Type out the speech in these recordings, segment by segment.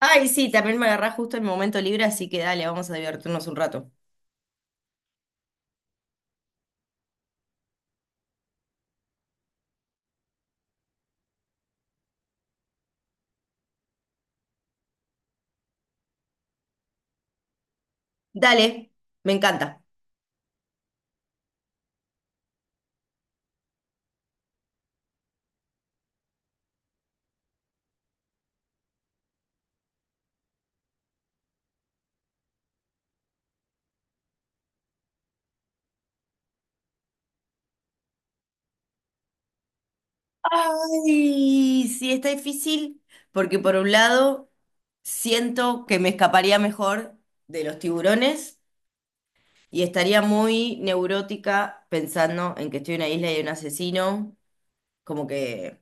Ay, sí, también me agarrás justo el momento libre, así que dale, vamos a divertirnos un rato. Dale, me encanta. Ay, sí, está difícil, porque por un lado siento que me escaparía mejor de los tiburones y estaría muy neurótica pensando en que estoy en una isla y hay un asesino, como que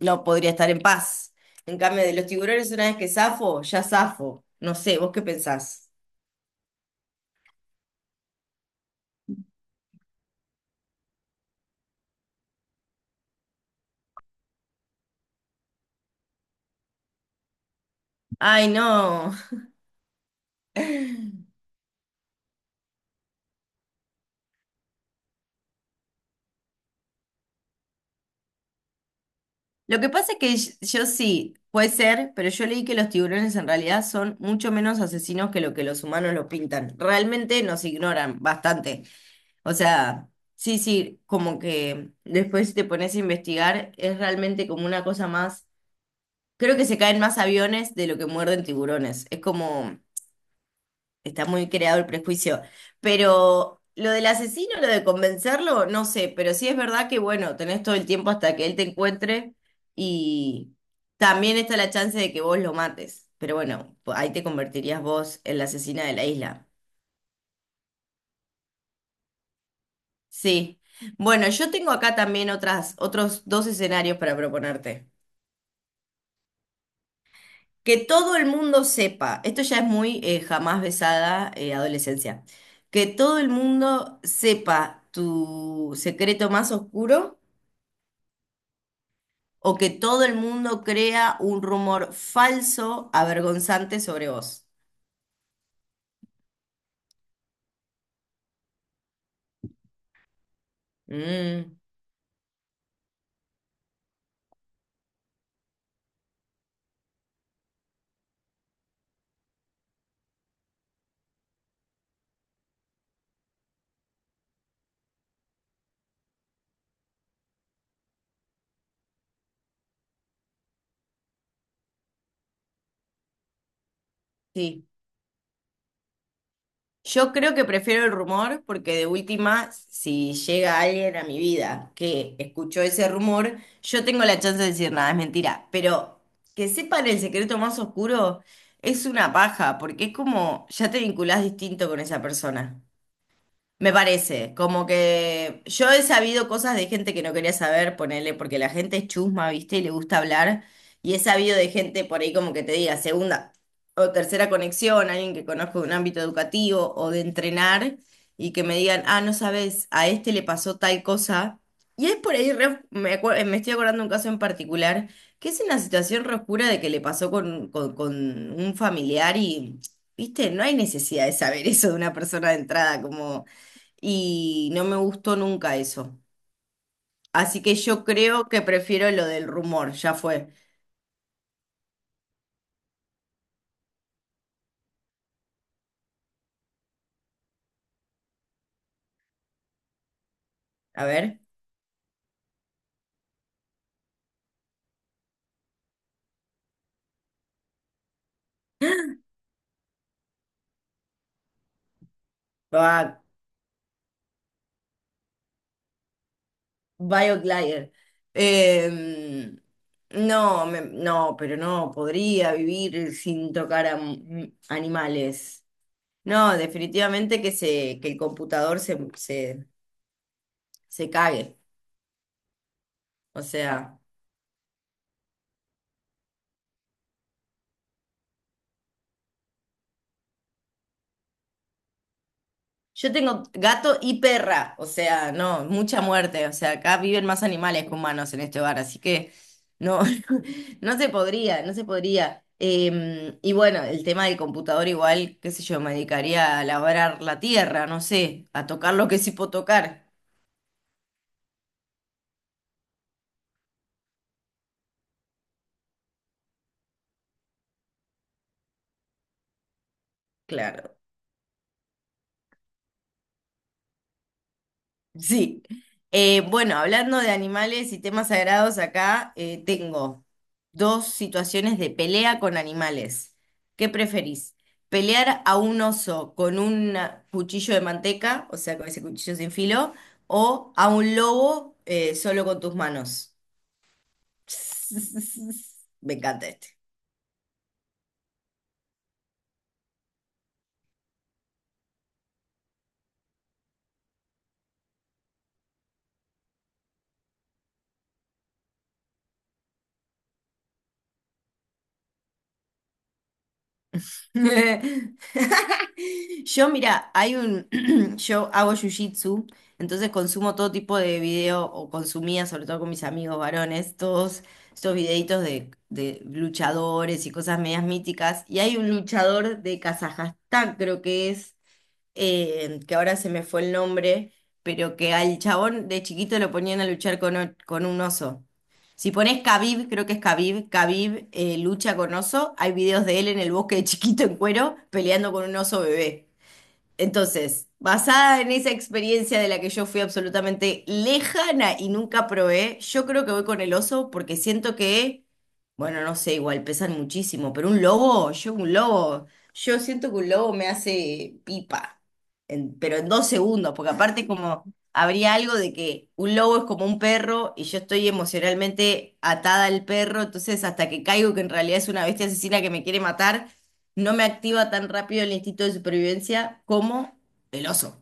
no podría estar en paz. En cambio, de los tiburones, una vez que zafo, ya zafo. No sé, ¿vos qué pensás? Ay, no. Lo que pasa es que yo sí, puede ser, pero yo leí que los tiburones en realidad son mucho menos asesinos que lo que los humanos lo pintan. Realmente nos ignoran bastante. O sea, sí, sí, como que después si te pones a investigar, es realmente como una cosa más. Creo que se caen más aviones de lo que muerden tiburones. Es como, está muy creado el prejuicio. Pero lo del asesino, lo de convencerlo, no sé. Pero sí es verdad que, bueno, tenés todo el tiempo hasta que él te encuentre y también está la chance de que vos lo mates. Pero bueno, ahí te convertirías vos en la asesina de la isla. Sí. Bueno, yo tengo acá también otros dos escenarios para proponerte. Que todo el mundo sepa, esto ya es muy jamás besada adolescencia, que todo el mundo sepa tu secreto más oscuro o que todo el mundo crea un rumor falso, avergonzante sobre vos. Mm, sí. Yo creo que prefiero el rumor porque de última, si llega alguien a mi vida que escuchó ese rumor, yo tengo la chance de decir nada, es mentira. Pero que sepan el secreto más oscuro es una paja, porque es como ya te vinculás distinto con esa persona. Me parece, como que yo he sabido cosas de gente que no quería saber, ponele, porque la gente es chusma, ¿viste? Y le gusta hablar. Y he sabido de gente por ahí como que te diga segunda o tercera conexión, alguien que conozco de un ámbito educativo o de entrenar, y que me digan, ah, no sabes, a este le pasó tal cosa. Y es por ahí, me estoy acordando de un caso en particular, que es una situación re oscura de que le pasó con un familiar y, ¿viste? No hay necesidad de saber eso de una persona de entrada, como y no me gustó nunca eso. Así que yo creo que prefiero lo del rumor, ya fue. A ver, va, BioGlide. Em, no, no, pero no, podría vivir sin tocar a animales. No, definitivamente que el computador se cague. O sea. Yo tengo gato y perra, o sea, no, mucha muerte, o sea, acá viven más animales que humanos en este hogar, así que no, no se podría, no se podría. Y bueno, el tema del computador igual, qué sé yo, me dedicaría a labrar la tierra, no sé, a tocar lo que sí puedo tocar. Claro. Sí. Bueno, hablando de animales y temas sagrados acá, tengo dos situaciones de pelea con animales. ¿Qué preferís? ¿Pelear a un oso con un cuchillo de manteca, o sea, con ese cuchillo sin filo, o a un lobo solo con tus manos? Me encanta Yo, mira, yo hago jiu-jitsu, entonces consumo todo tipo de video, o consumía, sobre todo con mis amigos varones, todos estos videitos de luchadores y cosas medias míticas. Y hay un luchador de Kazajstán, creo que es, que ahora se me fue el nombre, pero que al chabón de chiquito lo ponían a luchar con un oso. Si pones Khabib, creo que es Khabib, Khabib lucha con oso, hay videos de él en el bosque de chiquito en cuero peleando con un oso bebé. Entonces, basada en esa experiencia de la que yo fui absolutamente lejana y nunca probé, yo creo que voy con el oso porque siento que, bueno, no sé, igual pesan muchísimo, pero yo siento que un lobo me hace pipa, pero en 2 segundos, porque aparte como habría algo de que un lobo es como un perro y yo estoy emocionalmente atada al perro, entonces hasta que caigo que en realidad es una bestia asesina que me quiere matar no me activa tan rápido el instinto de supervivencia como el oso.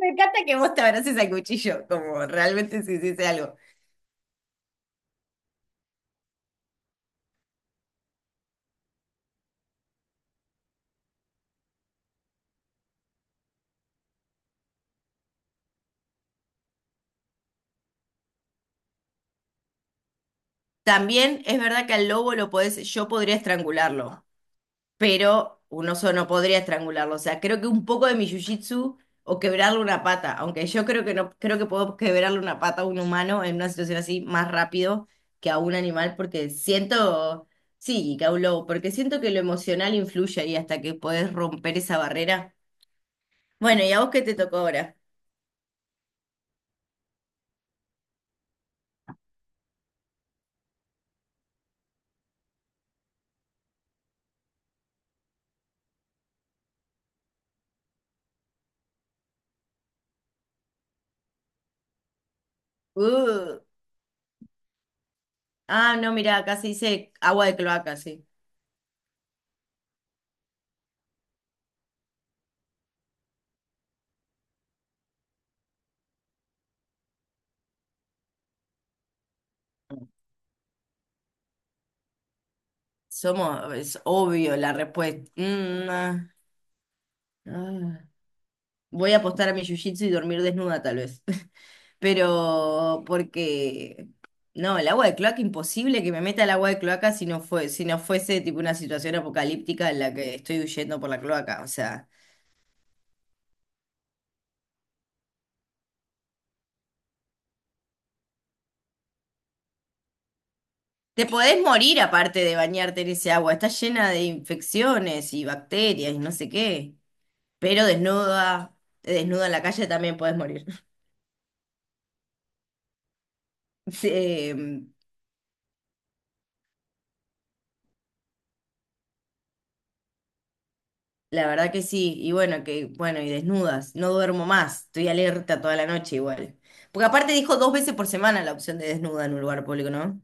Me encanta que vos te abraces al cuchillo, como realmente si hiciese algo. También es verdad que al lobo lo podés, yo podría estrangularlo, pero un oso no podría estrangularlo. O sea, creo que un poco de mi jiu-jitsu o quebrarle una pata, aunque yo creo que no, creo que puedo quebrarle una pata a un humano en una situación así más rápido que a un animal, porque siento, sí, que a un lobo, porque siento que lo emocional influye ahí hasta que podés romper esa barrera. Bueno, ¿y a vos qué te tocó ahora? Uh, Ah, no, mira, acá se dice agua de cloaca, sí. Es obvio la respuesta. Mm, ah, ah. Voy a apostar a mi jiu-jitsu y dormir desnuda, tal vez. Pero porque no, el agua de cloaca imposible que me meta el agua de cloaca si no fuese tipo una situación apocalíptica en la que estoy huyendo por la cloaca, o sea, te podés morir aparte de bañarte en ese agua, está llena de infecciones y bacterias y no sé qué. Pero desnuda en la calle también podés morir. Sí, em, la verdad que sí. Y bueno, que, bueno, y desnudas. No duermo más. Estoy alerta toda la noche igual. Porque aparte dijo 2 veces por semana la opción de desnuda en un lugar público, ¿no?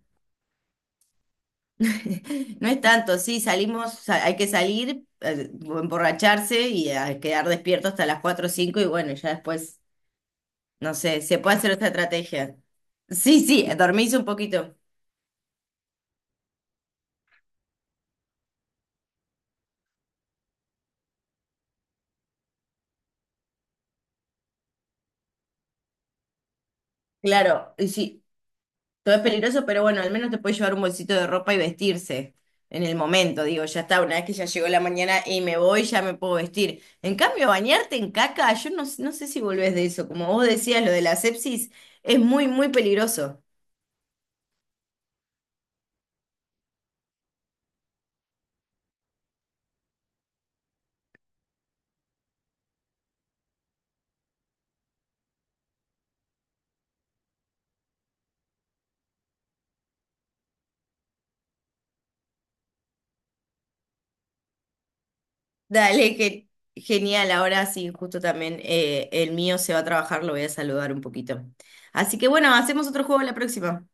No es tanto, sí, salimos, hay que salir, emborracharse y a quedar despierto hasta las 4 o 5. Y bueno, ya después, no sé, se puede hacer otra estrategia. Sí, sí, dormís un poquito. Claro, y sí, todo es peligroso, pero bueno, al menos te puedes llevar un bolsito de ropa y vestirse en el momento. Digo, ya está, una vez que ya llegó la mañana y me voy, ya me puedo vestir. En cambio, bañarte en caca, yo no, no sé si volvés de eso. Como vos decías, lo de la sepsis es muy, muy peligroso. Dale, que genial. Ahora sí, justo también el mío se va a trabajar, lo voy a saludar un poquito. Así que bueno, hacemos otro juego la próxima.